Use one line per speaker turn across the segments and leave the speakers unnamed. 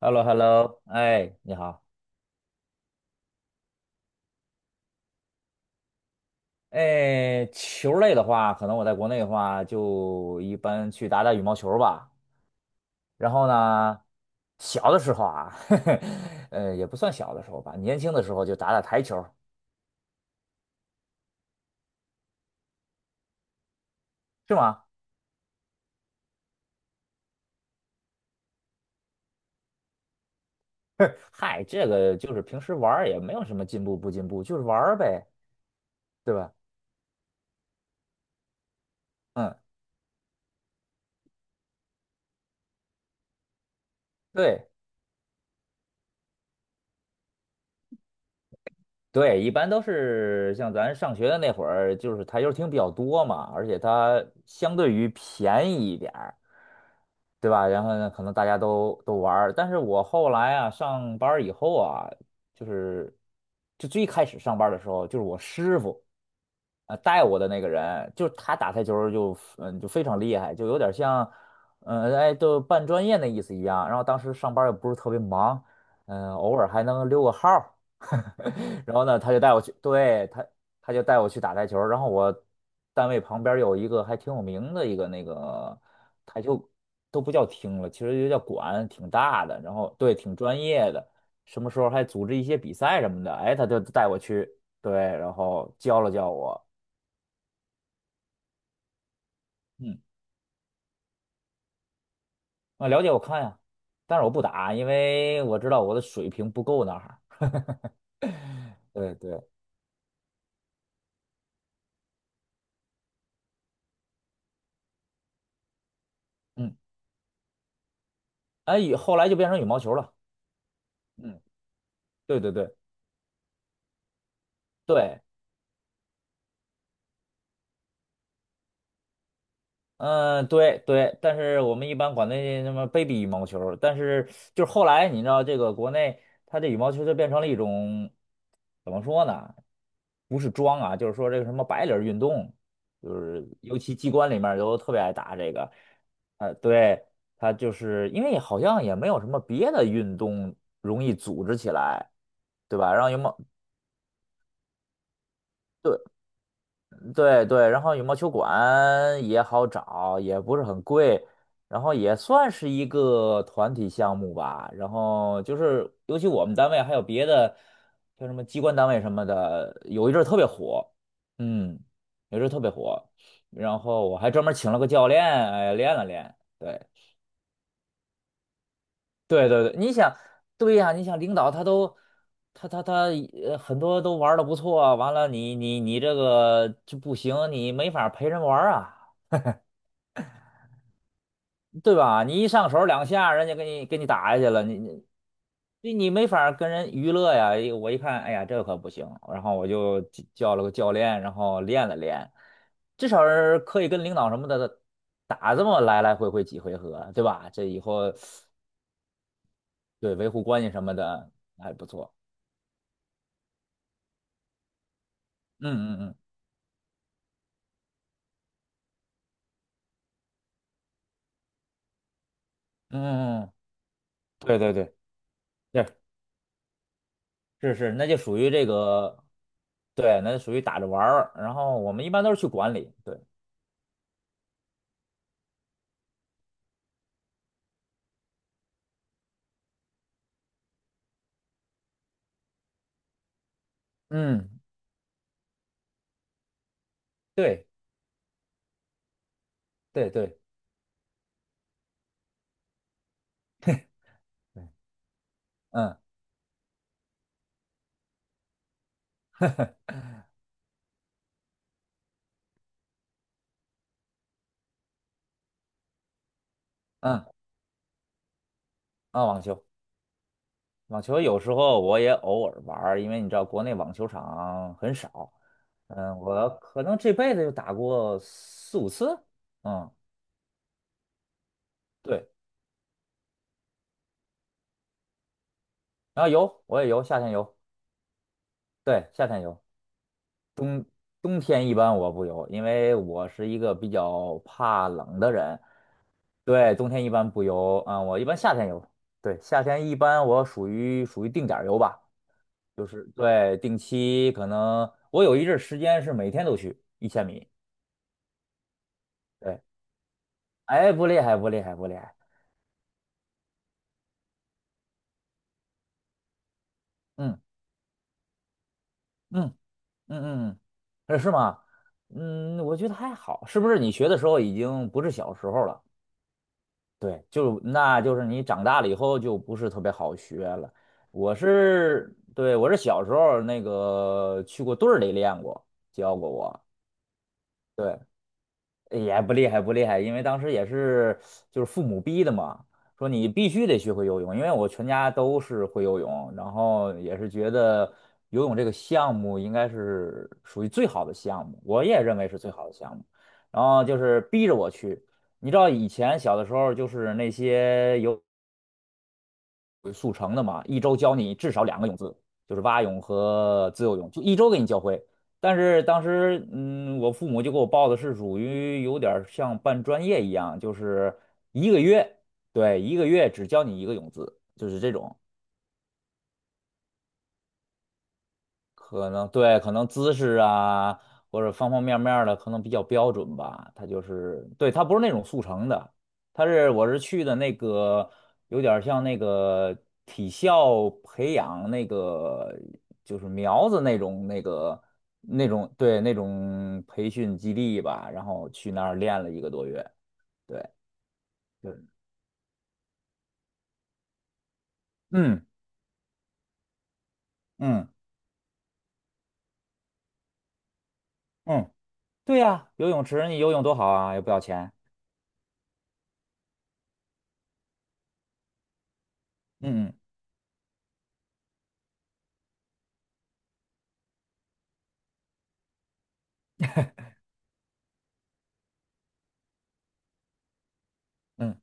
h e l l o h e l l o 哎，你好。哎，球类的话，可能我在国内的话，就一般去打打羽毛球吧。然后呢，小的时候啊，呵呵，也不算小的时候吧，年轻的时候就打打台球，是吗？嗨，这个就是平时玩儿也没有什么进步不进步，就是玩儿呗，对吧？嗯，对。对，一般都是像咱上学的那会儿，就是台球厅比较多嘛，而且它相对于便宜一点儿，对吧？然后呢，可能大家都玩儿但是我后来啊，上班儿以后啊，就是就最开始上班儿的时候，就是我师傅带我的那个人，就是他打台球儿就非常厉害，就有点像都半专业的意思一样。然后当时上班儿也不是特别忙，偶尔还能溜个号儿 然后呢，他就带我去，对，他就带我去打台球儿然后我单位旁边儿有一个还挺有名的一个那个台球，都不叫厅了，其实就叫馆，挺大的。然后对，挺专业的，什么时候还组织一些比赛什么的。哎，他就带我去，对，然后教了教我，嗯，啊，了解我看呀，但是我不打，因为我知道我的水平不够那哈。对对，嗯，哎，以后来就变成羽毛球了。嗯，对对对。对，嗯，对对，但是我们一般管那什么 baby 羽毛球儿但是就是后来你知道这个国内它这羽毛球就变成了一种怎么说呢？不是装啊，就是说这个什么白领儿运动，就是尤其机关里面儿都特别爱打这个。对，它就是因为好像也没有什么别的运动容易组织起来，对吧？让羽毛。对对，然后羽毛球馆也好找，也不是很贵，然后也算是一个团体项目吧。然后就是，尤其我们单位还有别的，像什么机关单位什么的，有一阵儿特别火，嗯，有一阵儿特别火。然后我还专门请了个教练，哎，练了练。对对对对，你想，对呀，你想领导他都。他很多都玩的不错，完了你这个就不行，你没法陪人玩儿啊。对吧？你一上手两下，人家给你给你打下去了，你没法儿跟人娱乐呀。一我一看，哎呀，这可不行，然后我就叫了个教练，然后练了练，至少是可以跟领导什么的打这么来来回回几回合，对吧？这以后对维护关系什么的还不错。嗯嗯嗯嗯嗯，对对对，是是是，那就属于这个，对，那就属于打着玩儿。然后我们一般都是去管理，对，嗯，对对对。对，嗯嗯啊，网球，网球有时候我也偶尔玩儿，因为你知道国内网球场很少。嗯，我可能这辈子就打过四五次。嗯，对，然后游我也游，夏天游，对，夏天游，冬天一般我不游，因为我是一个比较怕冷的人。对，冬天一般不游啊，我一般夏天游。对，夏天一般我属于属于定点儿游吧。就是对，定期可能我有一阵儿时间是每天都去1000米，对，哎，不厉害，不厉害，不厉害，嗯嗯嗯嗯，是吗？嗯，我觉得还好，是不是你学的时候已经不是小时候了？对，就那就是你长大了以后就不是特别好学了。我是，对，我是小时候那个去过队儿里练过，教过我。对，也不厉害，不厉害，因为当时也是就是父母逼的嘛，说你必须得学会游泳，因为我全家都是会游泳，然后也是觉得游泳这个项目应该是属于最好的项目，我也认为是最好的项目，然后就是逼着我去。你知道以前小的时候，就是那些游。速成的嘛，一周教你至少两个泳姿，就是蛙泳和自由泳，就一周给你教会。但是当时，嗯，我父母就给我报的是属于有点儿像办专业一样，就是一个月，对，一个月只教你一个泳姿，就是这种。可能对，可能姿势啊，或者方方面面儿的，可能比较标准吧。它就是，对，它不是那种速成的，它是我是去的那个，有点儿像那个体校培养那个，就是苗子那种那个那种对那种培训基地吧，然后去那儿练了1个多月。对，就是嗯嗯嗯，对呀，游泳池你游泳多好啊，又不要钱。嗯嗯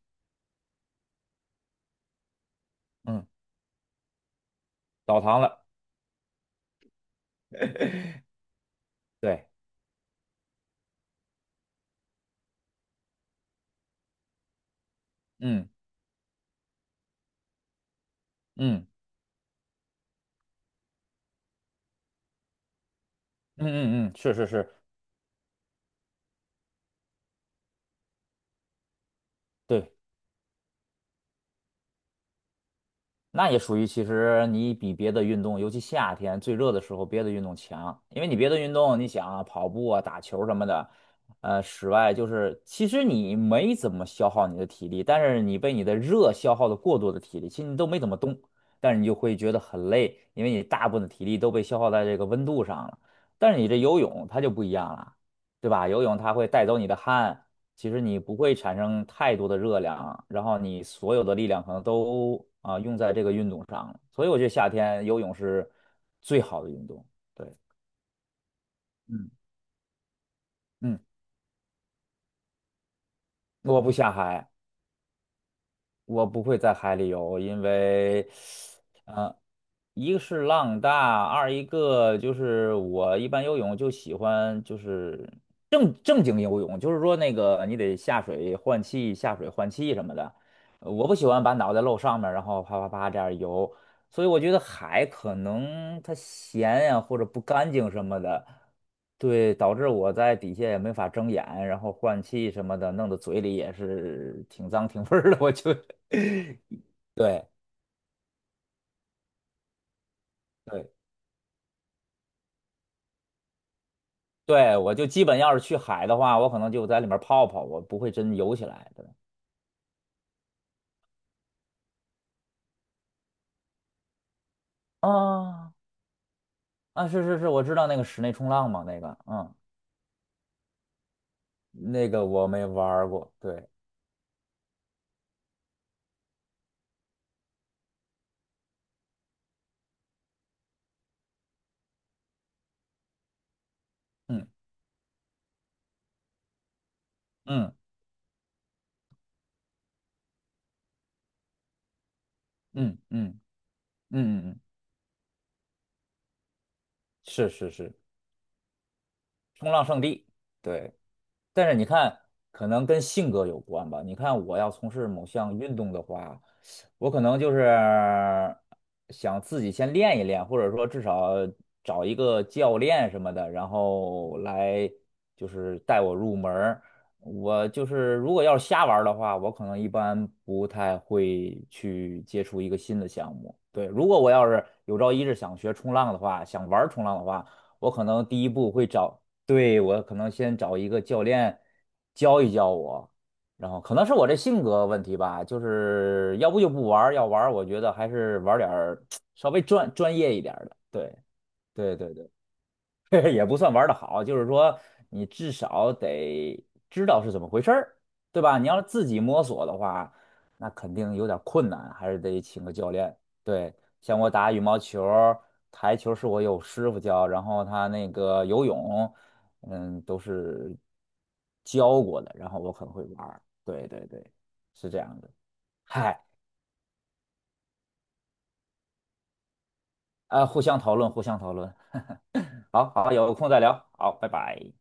嗯嗯，澡堂了。对，嗯嗯嗯嗯嗯，是是是，对，那也属于其实你比别的运动，尤其夏天最热的时候，别的运动强，因为你别的运动，你想啊，跑步啊、打球什么的，室外就是其实你没怎么消耗你的体力，但是你被你的热消耗的过多的体力，其实你都没怎么动，但是你就会觉得很累，因为你大部分的体力都被消耗在这个温度上了。但是你这游泳它就不一样了，对吧？游泳它会带走你的汗。其实你不会产生太多的热量，然后你所有的力量可能都用在这个运动上了。所以我觉得夏天游泳是最好的运动。对，嗯嗯，我不下海，我不会在海里游，因为，呃，一个是浪大，二一个就是我一般游泳就喜欢就是正经游泳，就是说那个你得下水换气，下水换气什么的。我不喜欢把脑袋露上面，然后啪啪啪这样游。所以我觉得海可能它咸呀、或者不干净什么的，对，导致我在底下也没法睁眼，然后换气什么的，弄得嘴里也是挺脏挺味儿的。我就，对对对，我就基本要是去海的话，我可能就在里面泡泡，我不会真游起来的。啊啊，是是是，我知道那个室内冲浪嘛，那个，嗯，那个我没玩儿过。对，嗯嗯嗯嗯嗯嗯，嗯，是是是，冲浪圣地。对。但是你看，可能跟性格有关吧。你看，我要从事某项运动的话，我可能就是想自己先练一练，或者说至少找一个教练什么的，然后来就是带我入门儿。我就是如果要是瞎玩儿的话，我可能一般不太会去接触一个新的项目。对，如果我要是有朝一日想学冲浪的话，想玩儿冲浪的话，我可能第一步会找。对，我可能先找一个教练教一教我，然后可能是我这性格问题吧，就是要不就不玩儿要玩儿我觉得还是玩儿点儿 稍微专业一点儿的。对，对对对。也不算玩的好，就是说你至少得知道是怎么回事儿，对吧？你要是自己摸索的话，那肯定有点儿困难，还是得请个教练。对，像我打羽毛球儿台球是我有师傅教，然后他那个游泳，嗯，都是教过的，然后我很会玩儿对对对，是这样的。嗨，啊，互相讨论，互相讨论。好好，有空再聊。好，拜拜。